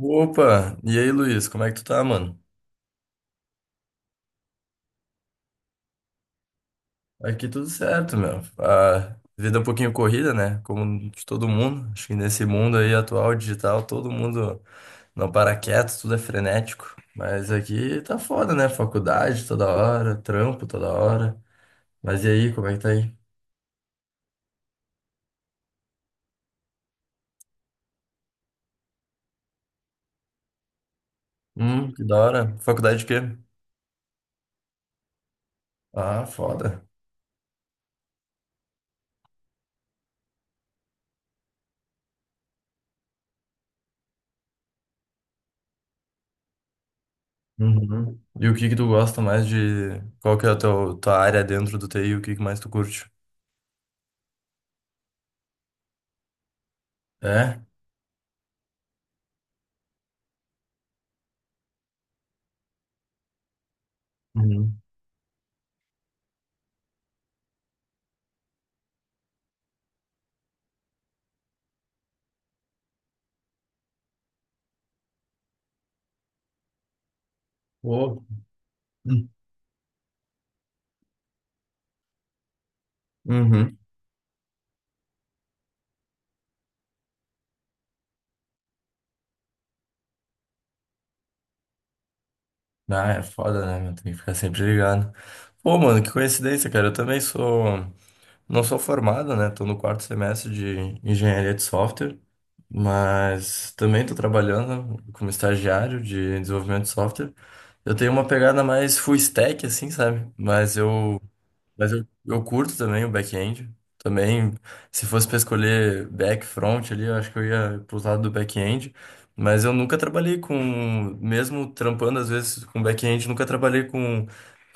Opa! E aí, Luiz, como é que tu tá, mano? Aqui tudo certo, meu. A vida é um pouquinho corrida, né? Como de todo mundo. Acho que nesse mundo aí atual, digital, todo mundo não para quieto, tudo é frenético. Mas aqui tá foda, né? Faculdade toda hora, trampo toda hora. Mas e aí, como é que tá aí? Que da hora. Faculdade de quê? Ah, foda. Uhum. E o que que tu gosta mais de... Qual que é a tua área dentro do TI? O que que mais tu curte? É? Uhum. Pô. Uhum. Ah, é foda, né, meu? Tem que ficar sempre ligado. Pô, mano, que coincidência, cara. Eu também sou. Não sou formado, né? Tô no quarto semestre de engenharia de software, mas também tô trabalhando como estagiário de desenvolvimento de software. Eu tenho uma pegada mais full stack, assim, sabe? Mas eu... Mas eu curto também o back-end. Também, se fosse para escolher back, front ali, eu acho que eu ia pro lado do back-end. Mas eu nunca trabalhei com, mesmo trampando às vezes com back-end, nunca trabalhei com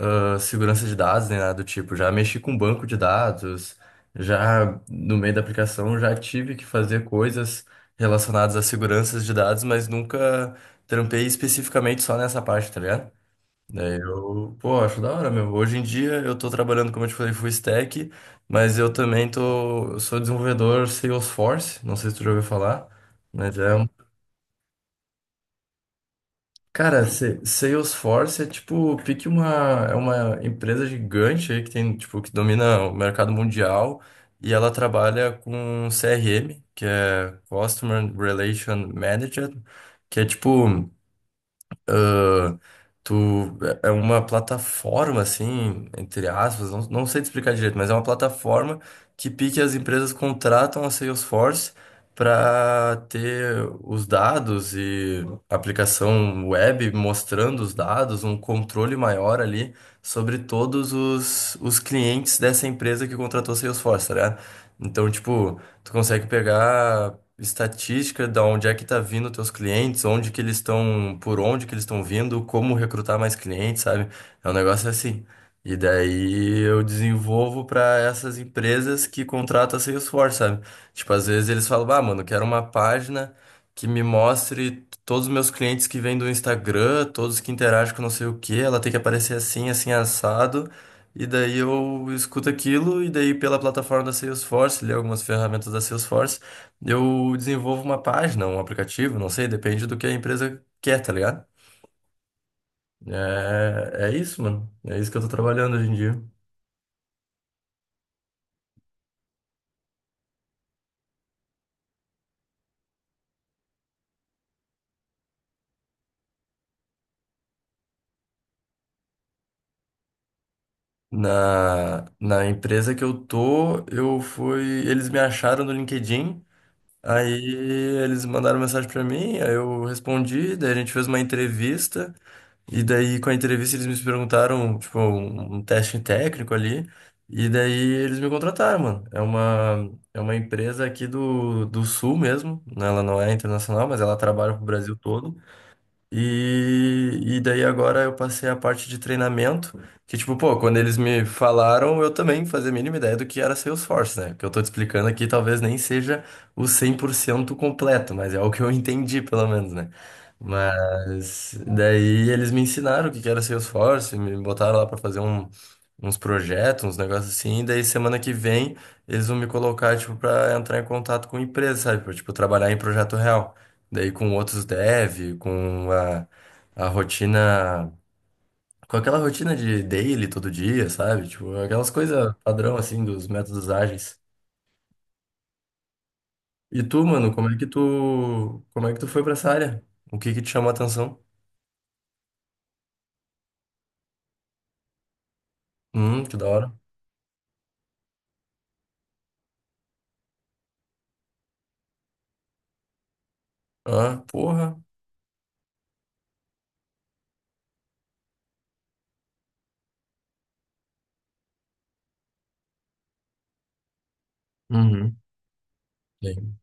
segurança de dados nem nada do tipo. Já mexi com banco de dados, já no meio da aplicação já tive que fazer coisas relacionadas a seguranças de dados, mas nunca trampei especificamente só nessa parte, tá ligado? Daí eu, pô, acho da hora mesmo. Hoje em dia eu tô trabalhando, como eu te falei, full stack, mas eu também tô, eu sou desenvolvedor Salesforce, não sei se tu já ouviu falar, mas é, um- cara, se- Salesforce é tipo, pique uma, é uma empresa gigante aí que tem, tipo, que domina o mercado mundial e ela trabalha com CRM, que é Customer Relation Manager, que é tipo... ah, Tu... é uma plataforma, assim, entre aspas, não, não sei te explicar direito, mas é uma plataforma que pique as empresas contratam a Salesforce para ter os dados e aplicação web mostrando os dados, um controle maior ali sobre todos os clientes dessa empresa que contratou a Salesforce, tá ligado? Então, tipo, tu consegue pegar estatística, da onde é que tá vindo teus clientes, onde que eles estão, por onde que eles estão vindo, como recrutar mais clientes, sabe? É um negócio assim. E daí eu desenvolvo para essas empresas que contratam a Salesforce, sabe? Tipo, às vezes eles falam, ah, mano, quero uma página que me mostre todos os meus clientes que vêm do Instagram, todos que interagem com não sei o quê, ela tem que aparecer assim, assim, assado. E daí eu escuto aquilo, e daí pela plataforma da Salesforce, li algumas ferramentas da Salesforce. Eu desenvolvo uma página, um aplicativo, não sei, depende do que a empresa quer, tá ligado? É, é isso, mano. É isso que eu tô trabalhando hoje em dia. Na, na empresa que eu tô, eu fui. Eles me acharam no LinkedIn, aí eles mandaram mensagem pra mim, aí eu respondi, daí a gente fez uma entrevista. E daí, com a entrevista, eles me perguntaram, tipo, um teste técnico ali. E daí, eles me contrataram, mano. É uma empresa aqui do, do Sul mesmo. Né? Ela não é internacional, mas ela trabalha pro Brasil todo. E daí agora eu passei a parte de treinamento, que tipo, pô, quando eles me falaram, eu também fazia a mínima ideia do que era Salesforce, né? O que eu tô te explicando aqui talvez nem seja o 100% completo, mas é o que eu entendi, pelo menos, né? Mas daí eles me ensinaram o que que era Salesforce, me botaram lá pra fazer um- uns projetos, uns negócios assim, e daí semana que vem eles vão me colocar, tipo, pra entrar em contato com empresa, sabe? Pra, tipo, trabalhar em projeto real. Daí com outros dev, com a rotina, com aquela rotina de daily todo dia, sabe? Tipo, aquelas coisas padrão assim dos métodos ágeis. E tu, mano, como é que tu, como é que tu foi pra essa área? O que que te chamou a atenção? Que da hora. Ah, porra. Uhum. Sim.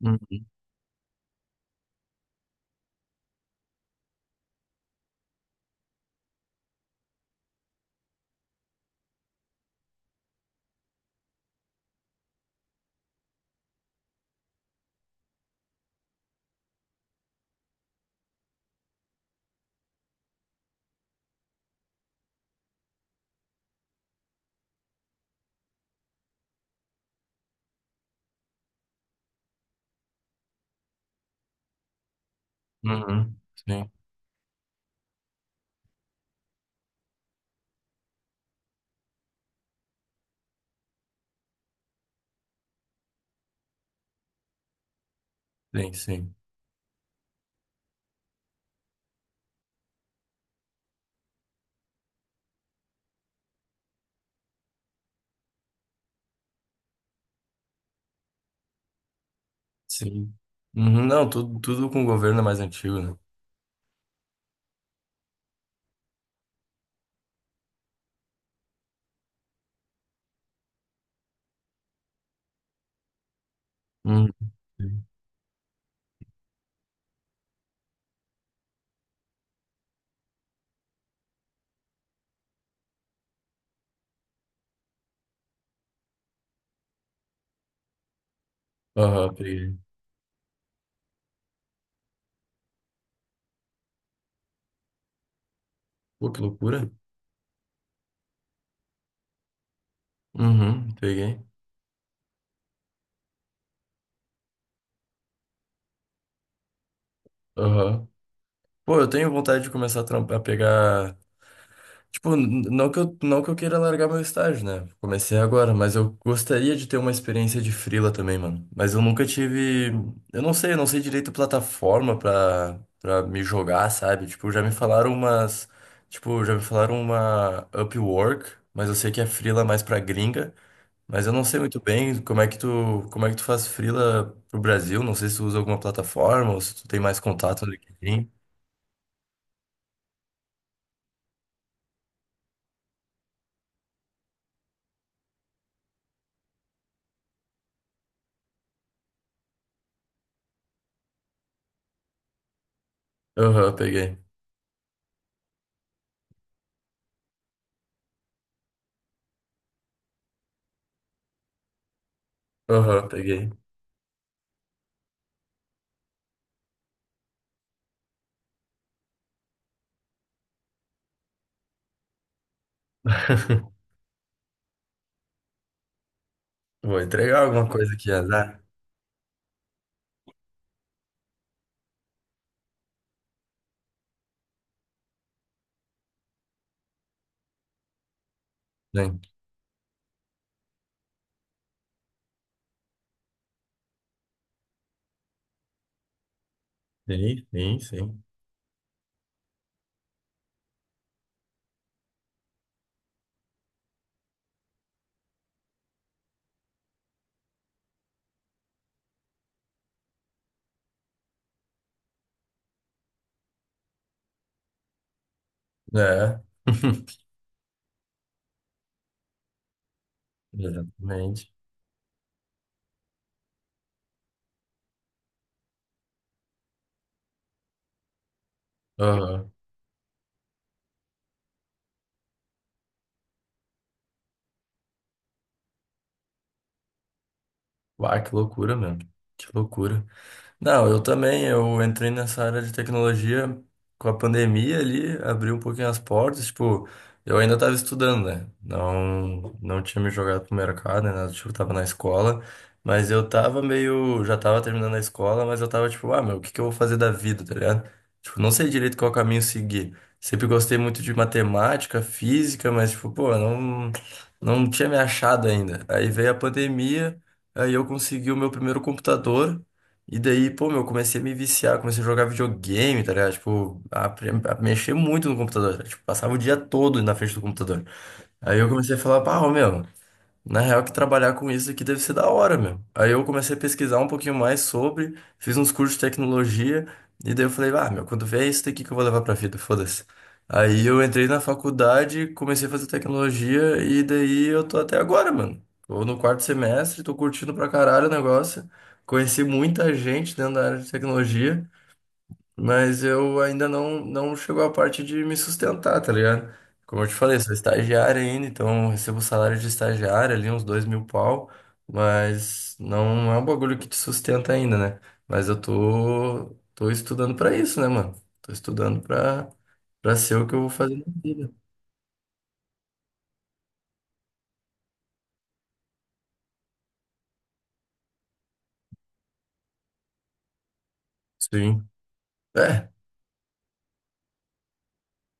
Uhum. Uhum. Sim, sim, sim. Sim. Uhum. Não, tudo, tudo com o governo é mais antigo, né? Uhum. Sim. Aham, peguei. Pô, que loucura. Uhum, peguei. Aham. Pô, eu tenho vontade de começar a trampar, pegar. Tipo, n- não que eu, não que eu queira largar meu estágio, né? Comecei agora, mas eu gostaria de ter uma experiência de freela também, mano. Mas eu nunca tive. Eu não sei direito a plataforma pra, pra me jogar, sabe? Tipo, já me falaram umas. Tipo, já me falaram uma Upwork, mas eu sei que é freela mais pra gringa. Mas eu não sei muito bem como é que tu, como é que tu faz freela pro Brasil. Não sei se tu usa alguma plataforma ou se tu tem mais contato no LinkedIn. Aham, peguei. Aham, peguei. Vou entregar alguma coisa aqui, azar. Sim, sim, sim. Sim. É, exatamente. Aham. Uai, que loucura, meu. Que loucura. Não, eu também, eu entrei nessa área de tecnologia com a pandemia ali, abri um pouquinho as portas, tipo, eu ainda estava estudando, né? Não, não tinha me jogado pro mercado, né? Nada, tipo, tava na escola, mas eu tava meio, já tava terminando a escola, mas eu tava tipo, ah, meu, o que que eu vou fazer da vida, tá ligado? Tipo, não sei direito qual caminho seguir. Sempre gostei muito de matemática, física, mas tipo, pô, não, não tinha me achado ainda. Aí veio a pandemia, aí eu consegui o meu primeiro computador e daí, pô, meu, eu comecei a me viciar, comecei a jogar videogame, tá ligado? Tipo, a mexer muito no computador, tá ligado? Tipo, passava o dia todo na frente do computador. Aí eu comecei a falar, pá, ô, meu. Na real, que trabalhar com isso aqui deve ser da hora, meu. Aí eu comecei a pesquisar um pouquinho mais sobre, fiz uns cursos de tecnologia, e daí eu falei, ah, meu, quando vier isso daqui que eu vou levar pra vida, foda-se. Aí eu entrei na faculdade, comecei a fazer tecnologia, e daí eu tô até agora, mano. Tô no quarto semestre, tô curtindo pra caralho o negócio. Conheci muita gente dentro da área de tecnologia. Mas eu ainda não, não chegou a parte de me sustentar, tá ligado? Como eu te falei, sou estagiário ainda, então eu recebo um salário de estagiário ali, uns 2.000 pau, mas não é um bagulho que te sustenta ainda, né? Mas eu tô, tô estudando pra isso, né, mano? Tô estudando pra, pra ser o que eu vou fazer na vida. Sim. É.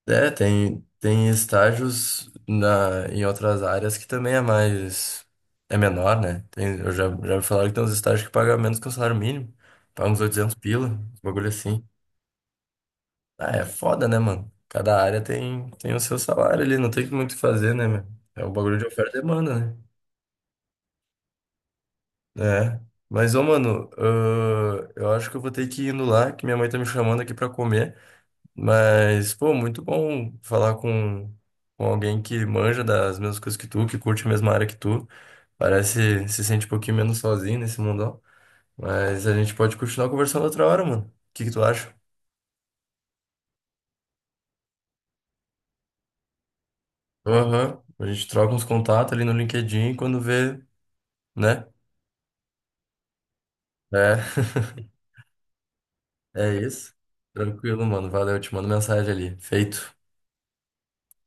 É, tem, tem estágios na, em outras áreas que também é mais. É menor, né? Tem, eu já, já me falaram que tem uns estágios que pagam menos que o salário mínimo. Paga uns 800 pila, uns bagulho assim. Ah, é foda, né, mano? Cada área tem, tem o seu salário ali, não tem muito o que fazer, né, meu? É o bagulho de oferta e demanda, né? É. Mas, ô, mano, eu acho que eu vou ter que ir indo lá, que minha mãe tá me chamando aqui pra comer. Mas, pô, muito bom falar com alguém que manja das mesmas coisas que tu, que curte a mesma área que tu. Parece se sente um pouquinho menos sozinho nesse mundão. Mas a gente pode continuar conversando outra hora, mano. O que que tu acha? Aham. A gente troca uns contatos ali no LinkedIn e quando vê, né? É. É isso. Tranquilo, mano. Valeu, eu te mando mensagem ali. Feito.